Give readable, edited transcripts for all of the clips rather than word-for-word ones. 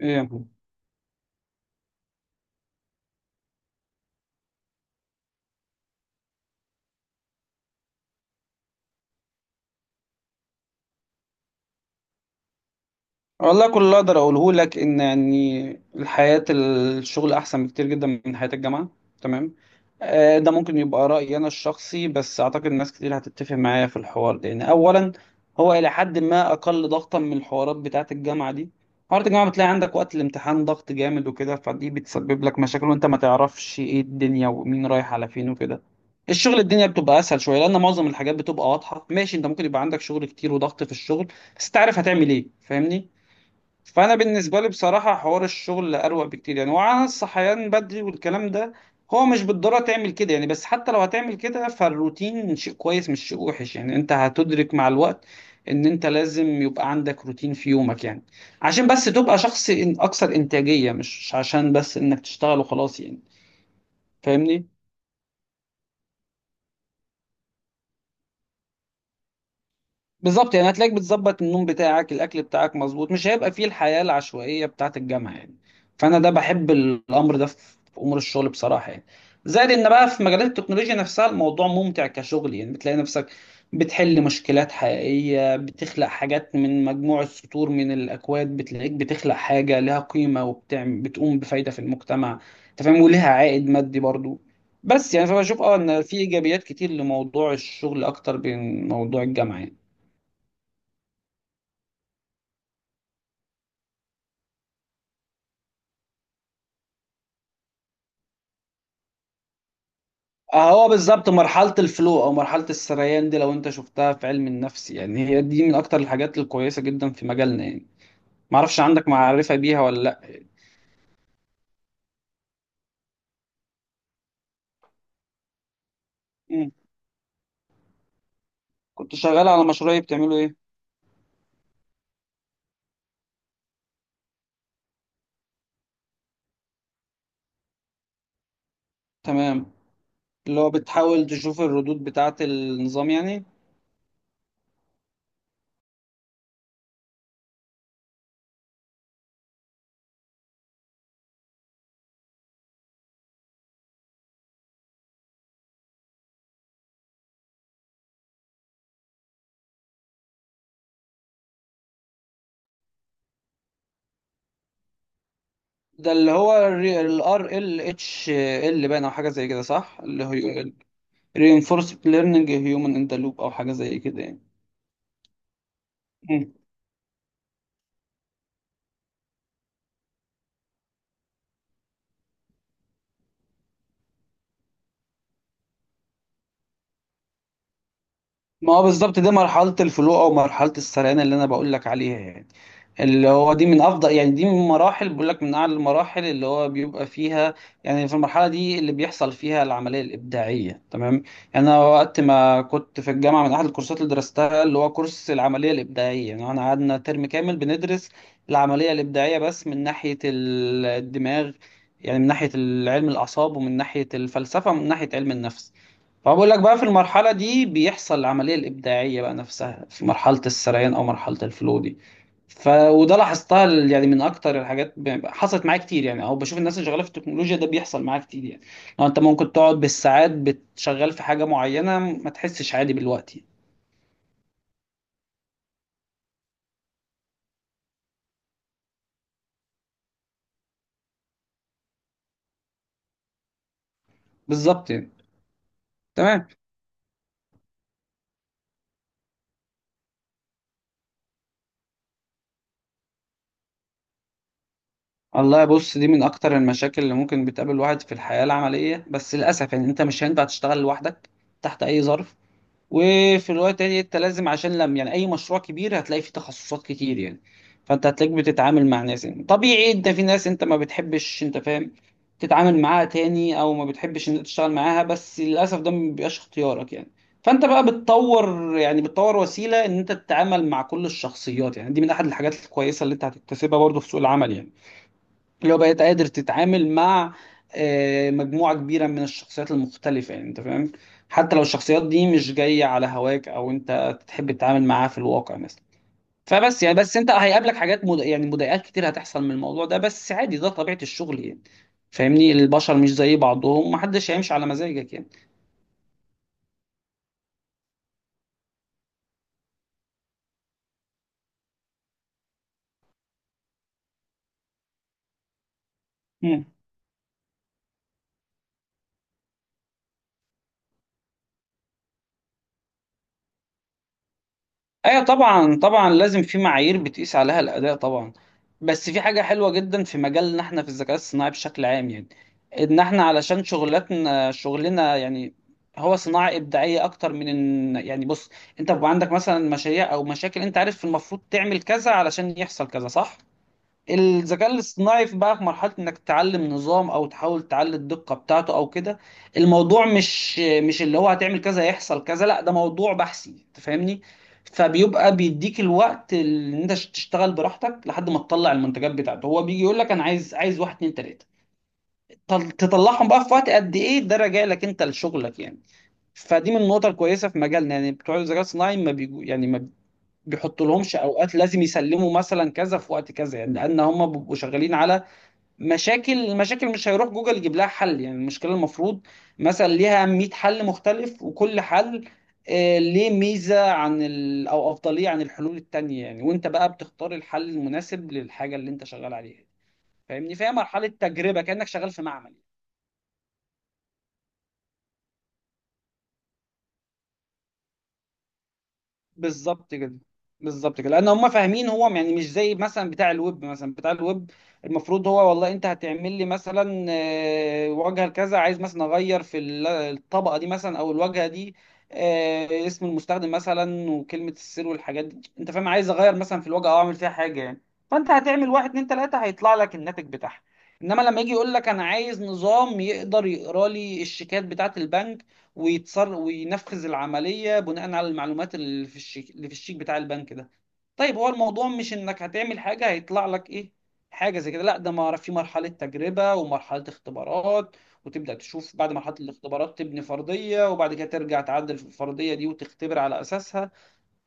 ايه يا محمد. والله كل اللي اقدر اقوله لك ان يعني الحياة الشغل احسن بكتير جدا من حياة الجامعة. تمام. ده ممكن يبقى رأيي انا الشخصي، بس اعتقد ناس كتير هتتفق معايا في الحوار ده. لان اولا هو الى حد ما اقل ضغطا من الحوارات بتاعة الجامعة دي. حوارات الجامعة بتلاقي عندك وقت الامتحان ضغط جامد وكده، فدي بتسبب لك مشاكل وانت ما تعرفش ايه الدنيا ومين رايح على فين وكده. الشغل الدنيا بتبقى اسهل شويه لان معظم الحاجات بتبقى واضحه، ماشي؟ انت ممكن يبقى عندك شغل كتير وضغط في الشغل، بس تعرف هتعمل ايه، فاهمني؟ فانا بالنسبه لي بصراحه حوار الشغل اروق بكتير يعني، وعلى الصحيان بدري والكلام ده هو مش بالضروره تعمل كده يعني، بس حتى لو هتعمل كده فالروتين شيء كويس مش شيء وحش يعني. انت هتدرك مع الوقت ان انت لازم يبقى عندك روتين في يومك يعني، عشان بس تبقى شخص اكثر انتاجيه، مش عشان بس انك تشتغل وخلاص يعني، فاهمني؟ بالظبط يعني هتلاقيك بتظبط النوم بتاعك، الاكل بتاعك مظبوط، مش هيبقى فيه الحياه العشوائيه بتاعه الجامعه يعني. فانا ده بحب الامر ده في في امور الشغل بصراحه يعني. زائد ان بقى في مجالات التكنولوجيا نفسها الموضوع ممتع كشغل يعني، بتلاقي نفسك بتحل مشكلات حقيقيه، بتخلق حاجات من مجموعه سطور من الاكواد. بتلاقيك بتخلق حاجه لها قيمه وبتعمل بتقوم بفايده في المجتمع، انت فاهم، ولها عائد مادي برضو. بس يعني فبشوف اه ان في ايجابيات كتير لموضوع الشغل اكتر من موضوع الجامعه يعني. هو بالظبط مرحلة الفلو أو مرحلة السريان دي لو أنت شفتها في علم النفس يعني، هي دي من أكتر الحاجات الكويسة جدا في مجالنا يعني. معرفش عندك معرفة بيها ولا لأ. مم. كنت شغال على مشروع بتعمله إيه؟ تمام. اللي هو بتحاول تشوف الردود بتاعة النظام يعني. ده اللي هو ال RLHL باين أو حاجة زي كده صح؟ اللي هو Reinforced Learning Human in the Loop أو حاجة زي كده يعني. ما هو بالظبط دي مرحلة الفلو أو مرحلة السريان اللي أنا بقول لك عليها يعني. اللي هو دي من أفضل يعني، دي من مراحل بقول لك من أعلى المراحل اللي هو بيبقى فيها يعني، في المرحلة دي اللي بيحصل فيها العملية الإبداعية. تمام. يعني أنا وقت ما كنت في الجامعة من أحد الكورسات اللي درستها اللي هو كورس العملية الإبداعية، يعني أنا قعدنا ترم كامل بندرس العملية الإبداعية بس من ناحية الدماغ، يعني من ناحية علم الأعصاب ومن ناحية الفلسفة ومن ناحية علم النفس. فبقول لك بقى في المرحلة دي بيحصل العملية الإبداعية بقى نفسها في مرحلة السريان أو مرحلة الفلو دي. ف وده لاحظتها يعني من أكتر الحاجات حصلت معايا كتير يعني، أو بشوف الناس اللي شغالة في التكنولوجيا ده بيحصل معايا كتير يعني. لو أنت ممكن تقعد بالساعات بتشغل في حاجة معينة ما تحسش عادي بالوقت يعني. بالظبط يعني. تمام. والله بص، دي من أكتر المشاكل اللي ممكن بتقابل الواحد في الحياة العملية، بس للأسف يعني أنت مش هينفع تشتغل لوحدك تحت أي ظرف. وفي الوقت التاني انت لازم عشان لم يعني اي مشروع كبير هتلاقي فيه تخصصات كتير يعني. فانت هتلاقيك بتتعامل مع ناس يعني، طبيعي انت في ناس انت ما بتحبش، انت فاهم، تتعامل معاها تاني او ما بتحبش ان انت تشتغل معاها، بس للاسف ده ما بيبقاش اختيارك يعني. فانت بقى بتطور يعني بتطور وسيلة ان انت تتعامل مع كل الشخصيات يعني. دي من احد الحاجات الكويسة اللي انت هتكتسبها برضه في سوق العمل يعني، اللي هو بقيت قادر تتعامل مع مجموعة كبيرة من الشخصيات المختلفة يعني، انت فاهم، حتى لو الشخصيات دي مش جاية على هواك او انت تحب تتعامل معاها في الواقع مثلا. فبس يعني بس انت هيقابلك حاجات مد... يعني مضايقات كتير هتحصل من الموضوع ده، بس عادي ده طبيعة الشغل يعني، فاهمني؟ البشر مش زي بعضهم، محدش هيمشي على مزاجك يعني. مم. ايوه طبعا، طبعا لازم في معايير بتقيس عليها الاداء طبعا. بس في حاجه حلوه جدا في مجالنا احنا في الذكاء الصناعي بشكل عام يعني، ان احنا علشان شغلتنا شغلنا يعني هو صناعه ابداعيه اكتر من ان يعني. بص، انت بيبقى عندك مثلا مشاريع او مشاكل انت عارف المفروض تعمل كذا علشان يحصل كذا، صح؟ الذكاء الاصطناعي في بقى في مرحلة انك تعلم نظام او تحاول تعلي الدقة بتاعته او كده. الموضوع مش مش اللي هو هتعمل كذا يحصل كذا، لا ده موضوع بحثي، انت فاهمني؟ فبيبقى بيديك الوقت اللي انت تشتغل براحتك لحد ما تطلع المنتجات بتاعته. هو بيجي يقول لك انا عايز عايز واحد اتنين تلاتة، تطلعهم بقى في وقت قد ايه ده راجع لك انت لشغلك يعني. فدي من النقط الكويسة في مجالنا يعني، بتوع الذكاء الصناعي ما بيجو يعني ما بيحطوا لهمش اوقات لازم يسلموا مثلا كذا في وقت كذا يعني، لان هم بيبقوا شغالين على مشاكل. المشاكل مش هيروح جوجل يجيب لها حل يعني، المشكله المفروض مثلا ليها 100 حل مختلف، وكل حل ليه ميزه عن ال... او افضليه عن الحلول التانيه يعني، وانت بقى بتختار الحل المناسب للحاجه اللي انت شغال عليها، فاهمني؟ فهي مرحله تجربه كانك شغال في معمل. بالظبط كده. بالظبط كده، لان هم فاهمين هو يعني مش زي مثلا بتاع الويب. مثلا بتاع الويب المفروض هو والله انت هتعمل لي مثلا واجهه كذا، عايز مثلا اغير في الطبقه دي مثلا او الواجهه دي، اسم المستخدم مثلا وكلمه السر والحاجات دي، انت فاهم، عايز اغير مثلا في الواجهه او اعمل فيها حاجه يعني. فانت هتعمل واحد اتنين تلاته هيطلع لك الناتج بتاعها. انما لما يجي يقول لك انا عايز نظام يقدر يقرا لي الشيكات بتاعه البنك ويتصر وينفذ العملية بناء على المعلومات اللي في الشيك اللي في الشيك بتاع البنك ده، طيب هو الموضوع مش انك هتعمل حاجة هيطلع لك ايه حاجة زي كده، لا ده ما في مرحلة تجربة ومرحلة اختبارات، وتبدأ تشوف بعد مرحلة الاختبارات تبني فرضية، وبعد كده ترجع تعدل في الفرضية دي وتختبر على أساسها.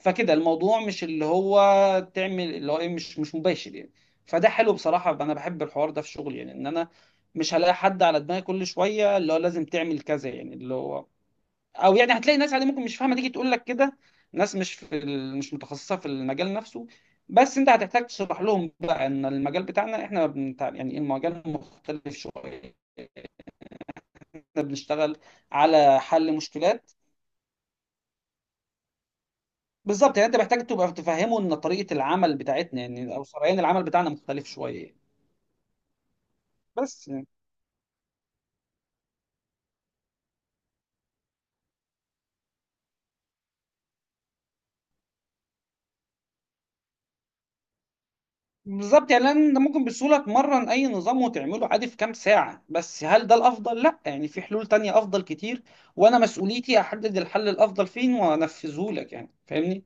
فكده الموضوع مش اللي هو تعمل اللي هو ايه، مش مش مباشر يعني. فده حلو بصراحة، انا بحب الحوار ده في شغلي، يعني ان انا مش هلاقي حد على دماغي كل شوية اللي هو لازم تعمل كذا يعني. اللي هو او يعني هتلاقي ناس عادي ممكن مش فاهمه تيجي تقول لك كده، ناس مش في ال... مش متخصصه في المجال نفسه، بس انت هتحتاج تشرح لهم بقى ان المجال بتاعنا احنا بنت... يعني إيه المجال مختلف شويه. احنا بنشتغل على حل مشكلات. بالظبط يعني، انت محتاج تبقى تفهمه ان طريقه العمل بتاعتنا يعني او سريان العمل بتاعنا مختلف شويه يعني. بس يعني بالظبط يعني لان انت ممكن بسهوله تمرن اي نظام وتعمله عادي في كام ساعه، بس هل ده الافضل؟ لا يعني في حلول تانية افضل كتير، وانا مسؤوليتي احدد الحل الافضل فين وانفذه لك يعني، فاهمني؟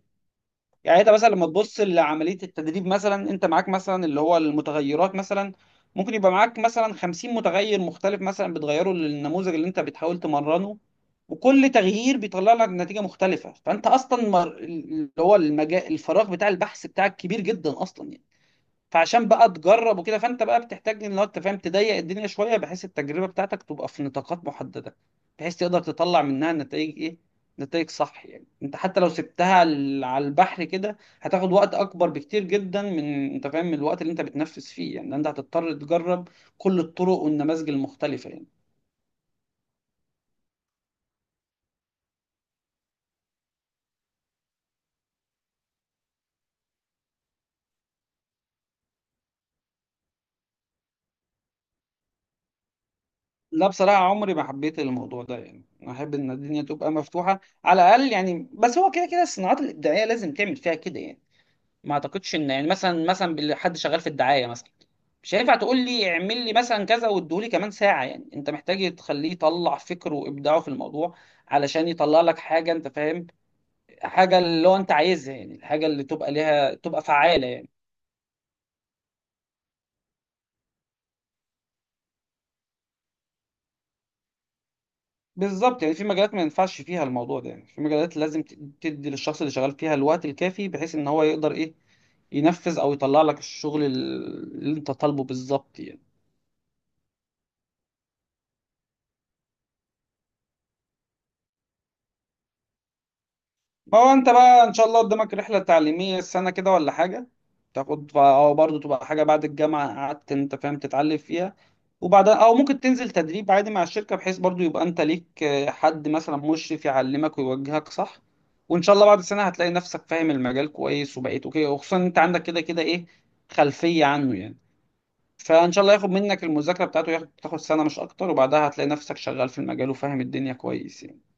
يعني انت مثلا لما تبص لعمليه التدريب مثلا انت معاك مثلا اللي هو المتغيرات مثلا، ممكن يبقى معاك مثلا 50 متغير مختلف مثلا بتغيره للنموذج اللي انت بتحاول تمرنه، وكل تغيير بيطلع لك نتيجة مختلفة، فأنت أصلا مر... اللي هو المجال الفراغ بتاع البحث بتاعك كبير جدا أصلا يعني. فعشان بقى تجرب وكده فانت بقى بتحتاج ان لو انت فاهم تضيق الدنيا شويه بحيث التجربه بتاعتك تبقى في نطاقات محدده، بحيث تقدر تطلع منها نتائج ايه، نتائج صح يعني. انت حتى لو سبتها على على البحر كده هتاخد وقت اكبر بكتير جدا من، انت فاهم، من الوقت اللي انت بتنفذ فيه يعني. انت هتضطر تجرب كل الطرق والنماذج المختلفه يعني. لا بصراحه عمري ما حبيت الموضوع ده يعني، انا احب ان الدنيا تبقى مفتوحه على الاقل يعني، بس هو كده كده الصناعات الابداعيه لازم تعمل فيها كده يعني. ما اعتقدش ان يعني مثلا مثلا حد شغال في الدعايه مثلا مش هينفع تقول لي اعمل لي مثلا كذا واديهولي كمان ساعه يعني، انت محتاج تخليه يطلع فكره وابداعه في الموضوع علشان يطلع لك حاجه، انت فاهم، حاجه اللي هو انت عايزها يعني، الحاجه اللي تبقى ليها تبقى فعاله يعني. بالظبط يعني في مجالات ما ينفعش فيها الموضوع ده يعني، في مجالات لازم تدي للشخص اللي شغال فيها الوقت الكافي بحيث ان هو يقدر ايه ينفذ او يطلع لك الشغل اللي انت طالبه بالظبط يعني. هو انت بقى ان شاء الله قدامك رحله تعليميه السنه كده ولا حاجه تاخد او برضه تبقى حاجه بعد الجامعه قعدت، انت فاهم، تتعلم فيها، وبعدها او ممكن تنزل تدريب عادي مع الشركه بحيث برضه يبقى انت ليك حد مثلا مشرف يعلمك ويوجهك، صح؟ وان شاء الله بعد سنه هتلاقي نفسك فاهم المجال كويس وبقيت اوكي، وخصوصا انت عندك كده كده ايه خلفيه عنه يعني. فان شاء الله ياخد منك المذاكره بتاعته ياخد تاخد سنه مش اكتر، وبعدها هتلاقي نفسك شغال في المجال وفاهم الدنيا كويس يعني